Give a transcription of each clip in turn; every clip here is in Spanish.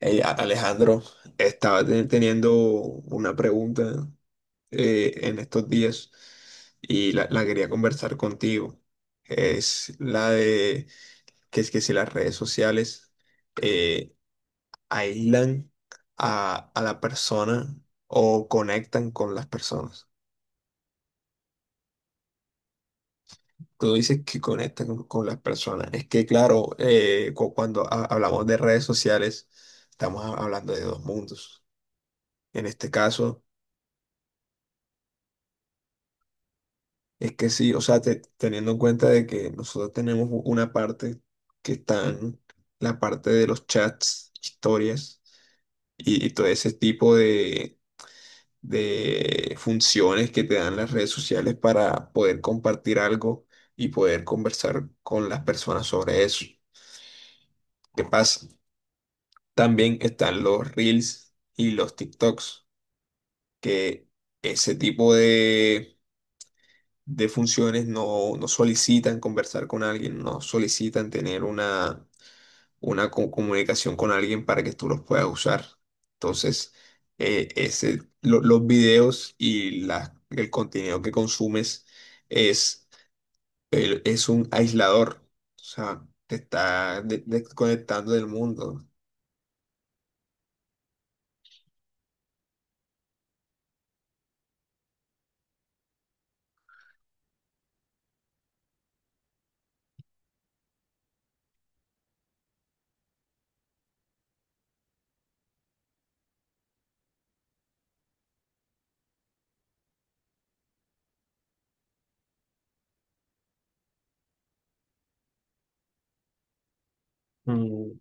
Ey, Alejandro, estaba teniendo una pregunta en estos días y la quería conversar contigo. Es la de que es que si las redes sociales eh, aíslan a la persona o conectan con las personas. Tú dices que conectan con las personas. Es que claro, cuando hablamos de redes sociales, estamos hablando de dos mundos. En este caso, es que sí, o sea, teniendo en cuenta de que nosotros tenemos una parte que están la parte de los chats, historias y todo ese tipo de funciones que te dan las redes sociales para poder compartir algo y poder conversar con las personas sobre eso. ¿Qué pasa? También están los Reels y los TikToks, que ese tipo de funciones no solicitan conversar con alguien, no solicitan tener una comunicación con alguien para que tú los puedas usar. Entonces, ese, los videos y el contenido que consumes es, es un aislador, o sea, te está desconectando del mundo. Mm.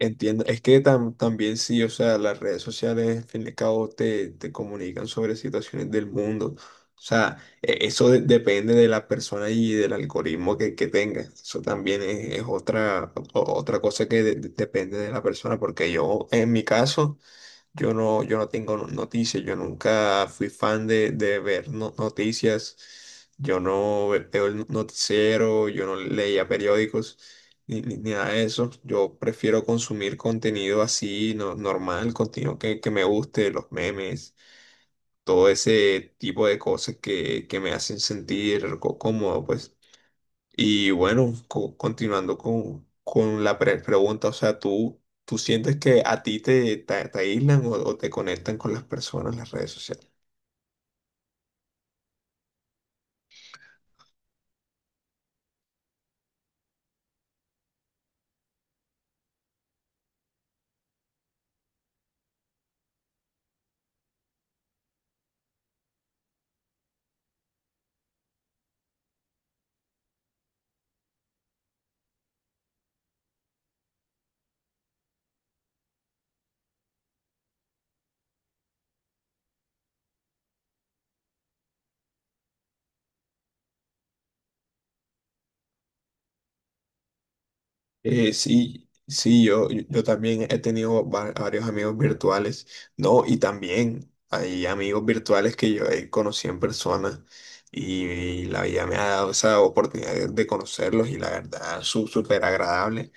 Entiendo, es que también sí, o sea, las redes sociales, al fin y al cabo, te comunican sobre situaciones del mundo. O sea, eso depende de la persona y del algoritmo que tenga. Eso también es otra, otra cosa que depende de la persona, porque yo, en mi caso, yo no tengo noticias, yo nunca fui fan de ver noticias, yo no veo el noticiero, yo no leía periódicos, ni, ni nada de eso. Yo prefiero consumir contenido así, normal, contenido que me guste, los memes, todo ese tipo de cosas que me hacen sentir cómodo, pues. Y bueno, continuando con la pregunta, o sea, ¿tú, tú sientes que a ti te aíslan o te conectan con las personas, las redes sociales? Sí, sí, yo también he tenido varios amigos virtuales, ¿no? Y también hay amigos virtuales que yo he conocido en persona y la vida me ha dado esa oportunidad de conocerlos y la verdad, su súper agradable.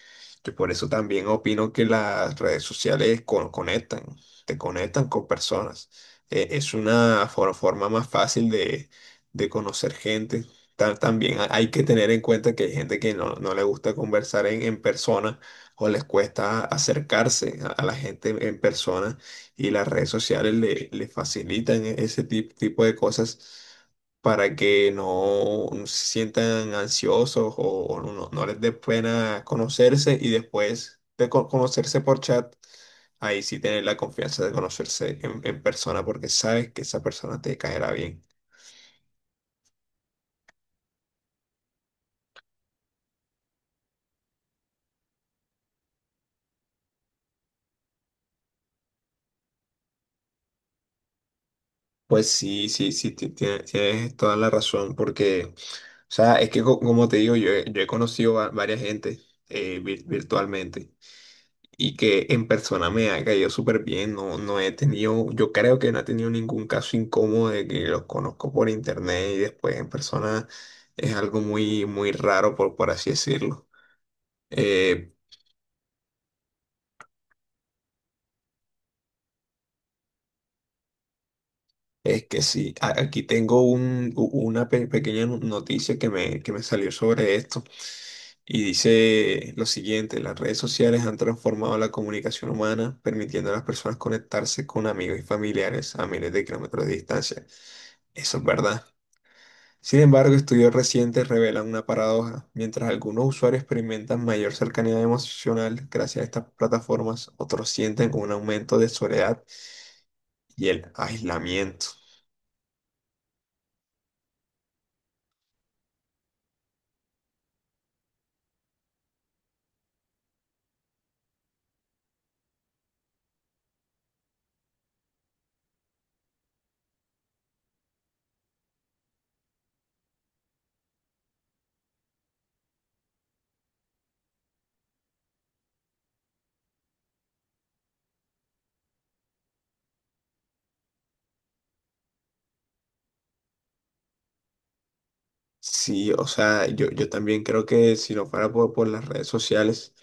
Yo por eso también opino que las redes sociales conectan, te conectan con personas. Es una forma más fácil de conocer gente. También hay que tener en cuenta que hay gente que no, no le gusta conversar en persona o les cuesta acercarse a la gente en persona y las redes sociales le facilitan ese tipo de cosas para que no no se sientan ansiosos o no, no les dé pena conocerse y después de conocerse por chat, ahí sí tener la confianza de conocerse en persona porque sabes que esa persona te caerá bien. Pues sí, sí, sí, tienes toda la razón, porque, o sea, es que como te digo, yo he conocido a varias gente, virtualmente y que en persona me ha caído súper bien. No, no he tenido, yo creo que no he tenido ningún caso incómodo de que los conozco por internet y después en persona es algo muy, muy raro, por así decirlo. Eh, Es que sí, aquí tengo un, una pequeña noticia que me salió sobre esto y dice lo siguiente: las redes sociales han transformado la comunicación humana, permitiendo a las personas conectarse con amigos y familiares a miles de kilómetros de distancia. Eso es verdad. Sin embargo, estudios recientes revelan una paradoja. Mientras algunos usuarios experimentan mayor cercanía emocional gracias a estas plataformas, otros sienten un aumento de soledad y el aislamiento. Sí, o sea, yo también creo que si no fuera por las redes sociales,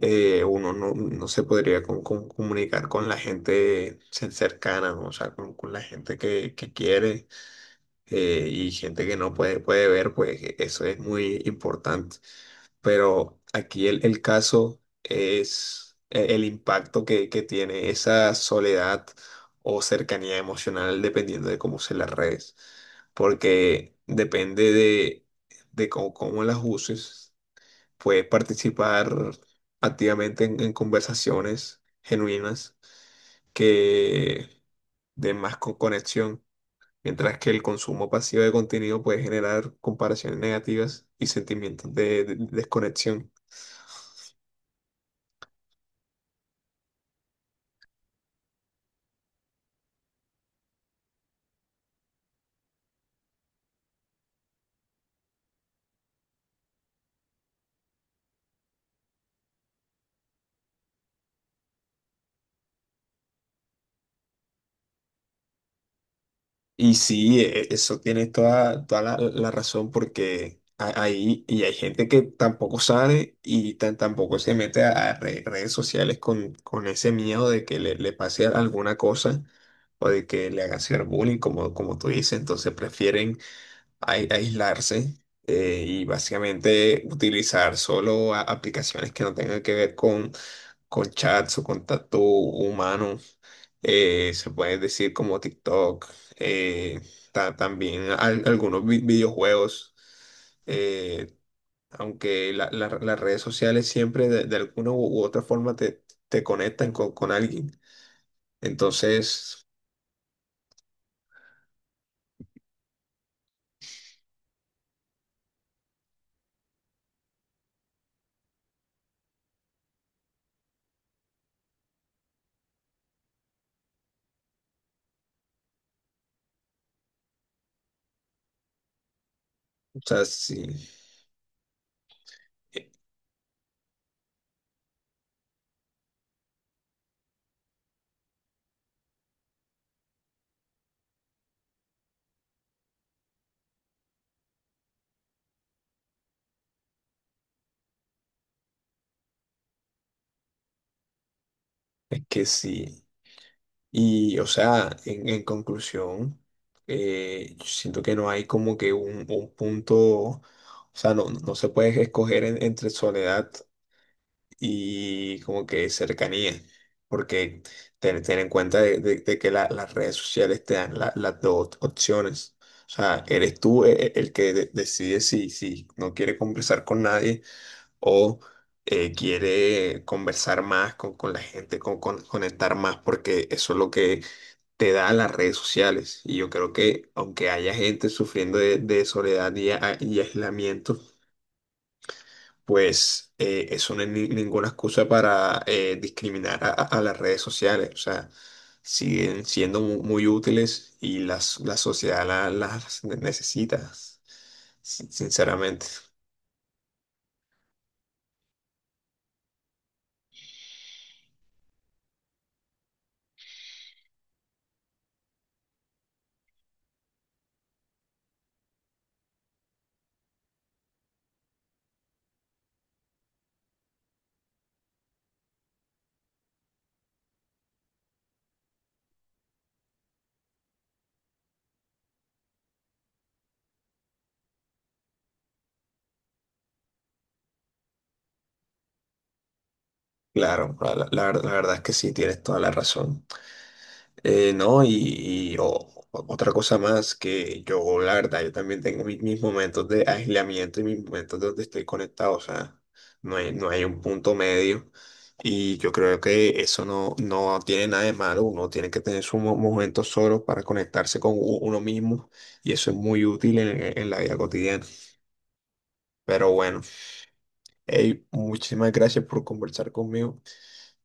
uno no, no se podría comunicar con la gente cercana, ¿no? O sea, con la gente que quiere, y gente que no puede, puede ver, pues, e, eso es muy importante. Pero aquí el caso es el impacto que tiene esa soledad o cercanía emocional dependiendo de cómo se las redes, porque depende de cómo, cómo las uses, puedes participar activamente en conversaciones genuinas que den más conexión. Mientras que el consumo pasivo de contenido puede generar comparaciones negativas y sentimientos de de- desconexión. Y sí, eso tiene toda, toda la, la razón, porque ahí y hay gente que tampoco sabe y tan, tampoco se mete a redes sociales con ese miedo de que le pase alguna cosa o de que le hagan ciberbullying, como, como tú dices. Entonces prefieren aislarse, y básicamente utilizar solo aplicaciones que no tengan que ver con chats o contacto humano, se puede decir como TikTok, eh, también algunos videojuegos, eh, aunque las redes sociales siempre de alguna u otra forma te conectan con alguien. Entonces, o sea, sí, eh, es que sí. Y, o sea, en conclusión, yo siento que no hay como que un punto, o sea, no, no se puede escoger entre soledad y como que cercanía, porque ten, ten en cuenta de, de que las redes sociales te dan las dos opciones. O sea, eres tú el que decide si, si no quiere conversar con nadie o, quiere conversar más con la gente, con, conectar más, porque eso es lo que te da las redes sociales. Y yo creo que aunque haya gente sufriendo de soledad y aislamiento, pues, eso no es ninguna excusa para, discriminar a, a las redes sociales. O sea, siguen siendo muy útiles y las, la sociedad las necesita, sinceramente. Claro, la verdad, es que sí, tienes toda la razón. No, y, otra cosa más que yo, la verdad, yo también tengo mis, mis momentos de aislamiento y mis momentos donde estoy conectado, o sea, no hay un punto medio y yo creo que eso no tiene nada de malo, uno tiene que tener sus momentos solos para conectarse con uno mismo y eso es muy útil en, en la vida cotidiana. Pero bueno, hey, muchísimas gracias por conversar conmigo,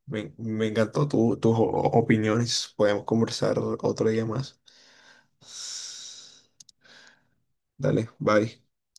me encantó tus opiniones, podemos conversar otro día más. Dale, bye.